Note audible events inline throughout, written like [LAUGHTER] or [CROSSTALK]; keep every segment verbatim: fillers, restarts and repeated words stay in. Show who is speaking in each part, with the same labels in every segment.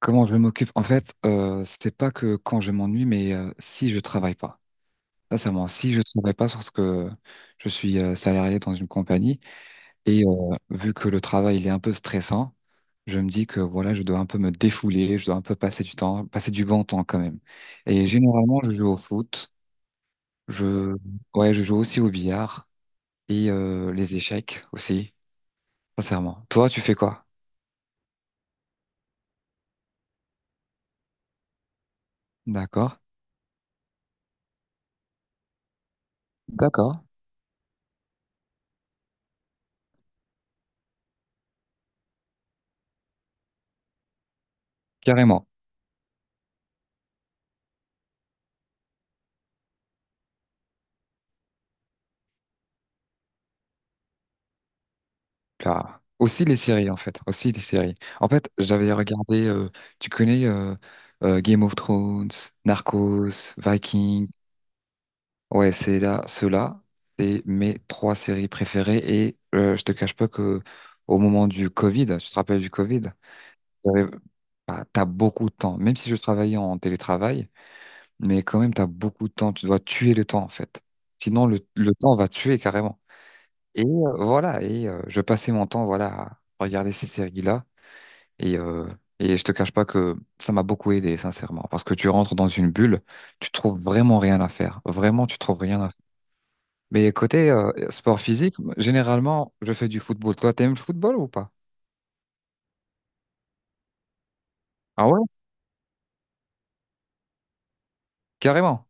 Speaker 1: Comment je m'occupe? En fait, euh, c'est pas que quand je m'ennuie, mais euh, si je travaille pas. Sincèrement, si je travaille pas, parce que je suis euh, salarié dans une compagnie et euh, vu que le travail il est un peu stressant, je me dis que voilà, je dois un peu me défouler, je dois un peu passer du temps, passer du bon temps quand même. Et généralement, je joue au foot, je ouais, je joue aussi au billard et euh, les échecs aussi. Sincèrement. Toi, tu fais quoi? D'accord. D'accord. Carrément. Là. Aussi les séries, en fait. Aussi les séries. En fait, j'avais regardé, euh, tu connais euh, euh, Game of Thrones, Narcos, Vikings. Ouais, c'est là, ceux-là, c'est mes trois séries préférées. Et euh, je te cache pas que au moment du Covid, tu te rappelles du Covid, j'avais- bah, t'as beaucoup de temps. Même si je travaillais en télétravail, mais quand même, t'as beaucoup de temps. Tu dois tuer le temps, en fait. Sinon, le, le temps va te tuer carrément. Et euh, voilà, et euh, je passais mon temps voilà, à regarder ces séries-là. Et, euh, et je te cache pas que ça m'a beaucoup aidé, sincèrement, parce que tu rentres dans une bulle, tu trouves vraiment rien à faire. Vraiment, tu trouves rien à faire. Mais côté euh, sport physique, généralement, je fais du football. Toi, t'aimes le football ou pas? Ah ouais? Carrément.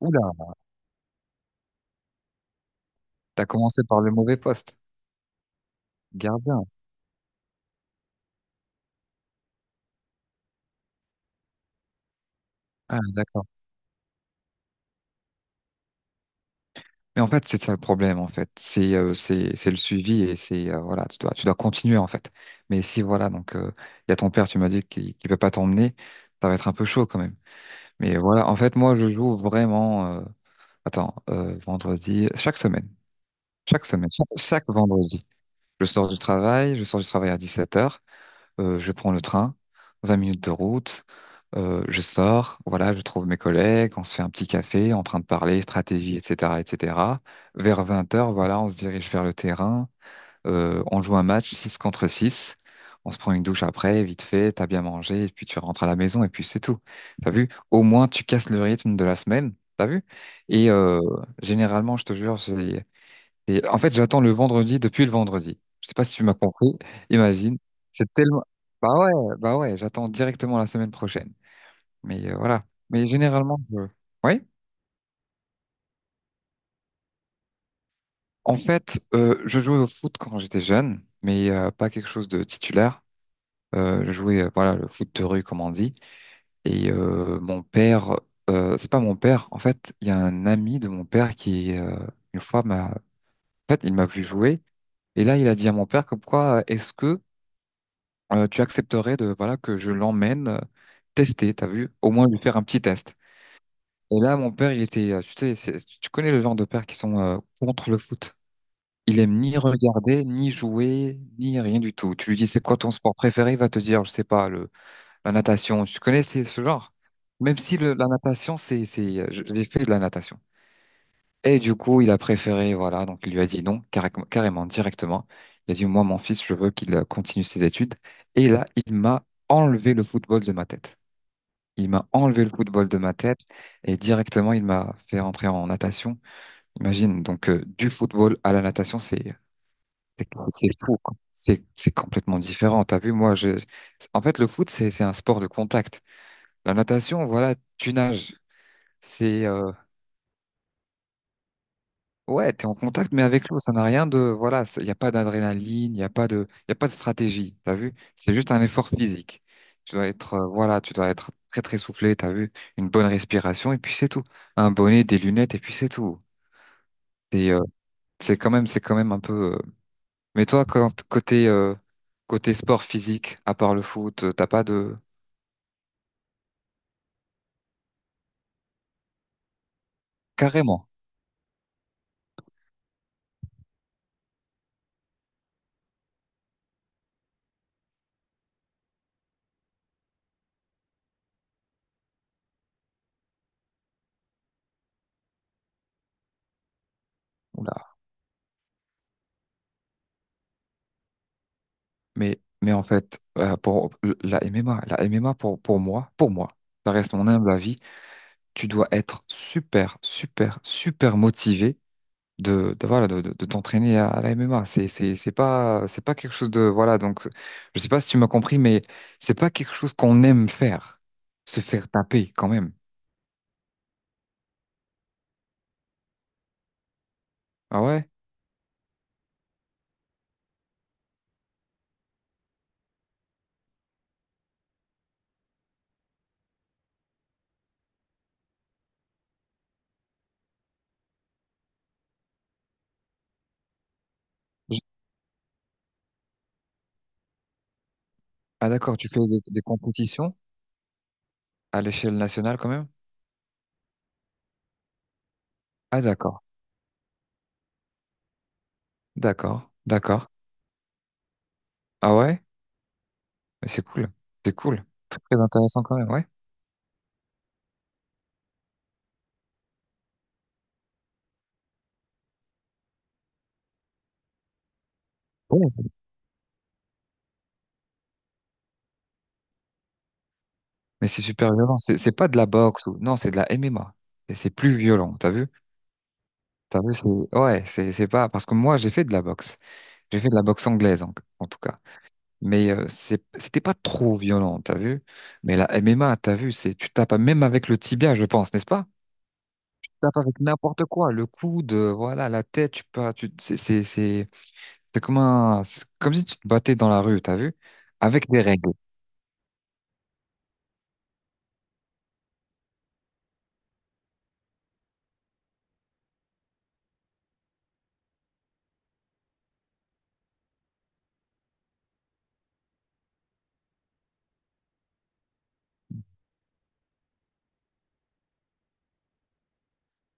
Speaker 1: Oula, t'as commencé par le mauvais poste. Gardien. Ah, d'accord. Mais en fait, c'est ça le problème, en fait. C'est euh, c'est c'est le suivi et c'est euh, voilà, tu dois tu dois continuer en fait. Mais si voilà, donc euh, il y a ton père, tu m'as dit qu'il ne peut pas t'emmener, ça va être un peu chaud quand même. Mais voilà, en fait, moi, je joue vraiment. euh, Attends, euh, vendredi, chaque semaine. Chaque semaine, chaque, chaque vendredi. Je sors du travail, je sors du travail à dix-sept heures, euh, je prends le train, vingt minutes de route, euh, je sors, voilà, je trouve mes collègues, on se fait un petit café, en train de parler stratégie, etc, etc. Vers vingt heures, voilà, on se dirige vers le terrain, euh, on joue un match six contre six. On se prend une douche après, vite fait, t'as bien mangé, et puis tu rentres à la maison, et puis c'est tout. T'as vu? Au moins, tu casses le rythme de la semaine, t'as vu? Et euh, généralement, je te jure, j'ai... Et en fait, j'attends le vendredi depuis le vendredi. Je sais pas si tu m'as compris, [LAUGHS] imagine. C'est tellement... Bah ouais, bah ouais, j'attends directement la semaine prochaine. Mais euh, voilà. Mais généralement, je... Oui? En fait, euh, je jouais au foot quand j'étais jeune, mais euh, pas quelque chose de titulaire. euh, je jouais euh, voilà, le foot de rue comme on dit. Et euh, mon père euh, c'est pas mon père, en fait il y a un ami de mon père qui euh, une fois m'a, en fait il m'a vu jouer, et là il a dit à mon père comme quoi euh, est-ce que euh, tu accepterais de voilà que je l'emmène euh, tester, t'as vu, au moins lui faire un petit test. Et là mon père il était euh, tu sais c'est- tu connais le genre de pères qui sont euh, contre le foot. Il aime ni regarder, ni jouer, ni rien du tout. Tu lui dis c'est quoi ton sport préféré, il va te dire, je sais pas, le, La natation, tu connais c'est ce genre? Même si le- la natation, c'est, c'est, euh, je- j'ai fait de la natation. Et du coup, il a préféré, voilà, donc il lui a dit non, carré- carrément, directement. Il a dit, moi, mon fils, je veux qu'il euh, continue ses études. Et là, il m'a enlevé le football de ma tête. Il m'a enlevé le football de ma tête et directement, il m'a fait rentrer en natation. Imagine, donc, euh, du football à la natation, c'est, c'est c'est fou, quoi. C'est, c'est complètement différent. T'as vu, moi, je, en fait, le foot, c'est, c'est un sport de contact. La natation, voilà, tu nages. C'est euh, ouais, t'es en contact, mais avec l'eau, ça n'a rien de voilà, il n'y a pas d'adrénaline, il n'y a pas de, y a pas de stratégie, t'as vu? C'est juste un effort physique. Tu dois être euh, voilà, tu dois être très très soufflé, t'as vu? Une bonne respiration et puis c'est tout. Un bonnet, des lunettes et puis c'est tout. C'est euh, c'est quand même c'est quand même un peu. euh, Mais toi, quand, côté euh, côté sport physique, à part le foot, t'as pas de... Carrément. Oula. Mais, mais en fait, euh, pour la M M A, la M M A pour, pour moi, pour moi, ça reste mon humble avis, tu dois être super, super, super motivé de, de, voilà, de, de, de t'entraîner à, à la M M A. C'est, c'est, c'est pas, c'est pas quelque chose de, voilà, donc, je sais pas si tu m'as compris, mais c'est pas quelque chose qu'on aime faire, se faire taper quand même. Ah ouais? Je- Ah d'accord, tu fais des, des compétitions à l'échelle nationale quand même? Ah d'accord, d'accord, d'accord. Ah ouais? Mais c'est cool, c'est cool. Très intéressant quand même, ouais. Ouais, c'est- mais c'est super violent. C'est c'est pas de la boxe ou non, c'est de la M M A. Et c'est plus violent. T'as vu? T'as vu? C'est ouais, c'est c'est pas parce que moi j'ai fait de la boxe. J'ai fait de la boxe anglaise en, en tout cas. Mais euh, c'est c'était pas trop violent. T'as vu? Mais la M M A, t'as vu? C'est tu tapes même avec le tibia, je pense, n'est-ce pas? Tu tapes avec n'importe quoi, le coude, euh, voilà, la tête. Tu peux, tu c'est c'est c'est c'est comme un c'est comme si tu te battais dans la rue. T'as vu? Avec des règles.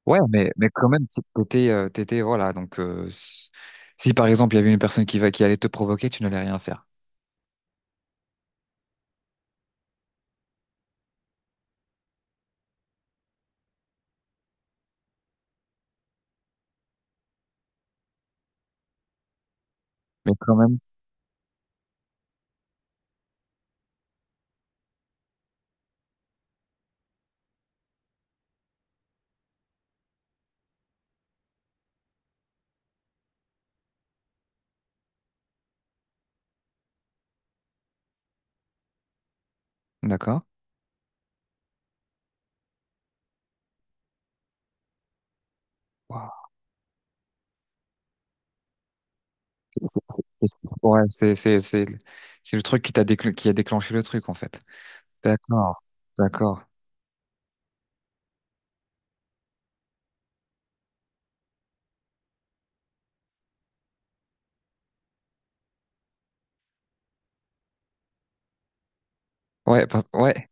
Speaker 1: Ouais, mais, mais quand même, t- t'étais, euh, t'étais, voilà, donc, euh, s- si par exemple, il y avait une personne qui va, qui allait te provoquer, tu n'allais rien faire. Mais quand même, d'accord? Wow. C'est, c'est- c'est- ouais, c'est, c'est, c'est, c'est le truc qui t'a déclen- qui a déclenché le truc, en fait. D'accord, d'accord. Ouais, parce- ouais.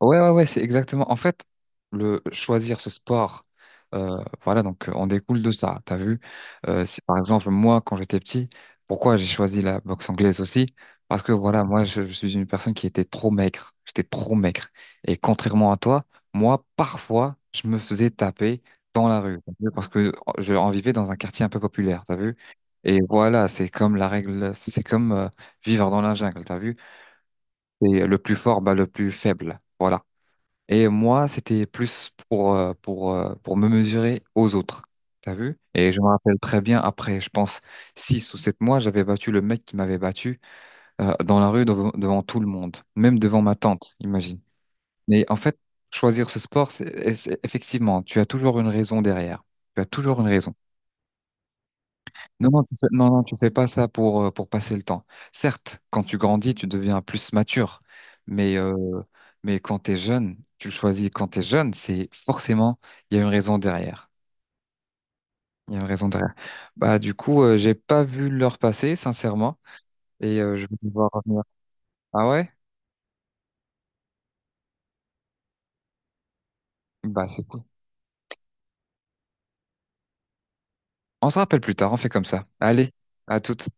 Speaker 1: Ouais, ouais, ouais, c'est exactement. En fait, le choisir ce sport, euh, voilà, donc euh, on découle de ça. T'as vu? Euh, si par exemple moi, quand j'étais petit, pourquoi j'ai choisi la boxe anglaise aussi? Parce que voilà, moi, je, je suis une personne qui était trop maigre. J'étais trop maigre. Et contrairement à toi, moi, parfois, je me faisais taper dans la rue. T'as vu? Parce que je en vivais dans un quartier un peu populaire. T'as vu? Et voilà, c'est comme la règle, c'est comme euh, vivre dans la jungle. T'as vu? C'est le plus fort, bah, le plus faible. Voilà. Et moi, c'était plus pour, euh, pour, euh, pour me mesurer aux autres. T'as vu? Et je me rappelle très bien, après, je pense, six ou sept mois, j'avais battu le mec qui m'avait battu euh, dans la rue devant, devant tout le monde, même devant ma tante, imagine. Mais en fait, choisir ce sport, c'est, et c'est- effectivement, tu as toujours une raison derrière. Tu as toujours une raison. Non, non, tu fais, non, non, tu fais pas ça pour, euh, pour passer le temps. Certes, quand tu grandis, tu deviens plus mature, mais, euh, mais quand t'es jeune, tu le choisis quand t'es jeune, c'est forcément, il y a une raison derrière. Il y a une raison derrière. Bah, du coup, euh, j'ai pas vu l'heure passer, sincèrement, et euh, je vais devoir revenir. Ah ouais? Bah, c'est cool. On se rappelle plus tard, on fait comme ça. Allez, à toute.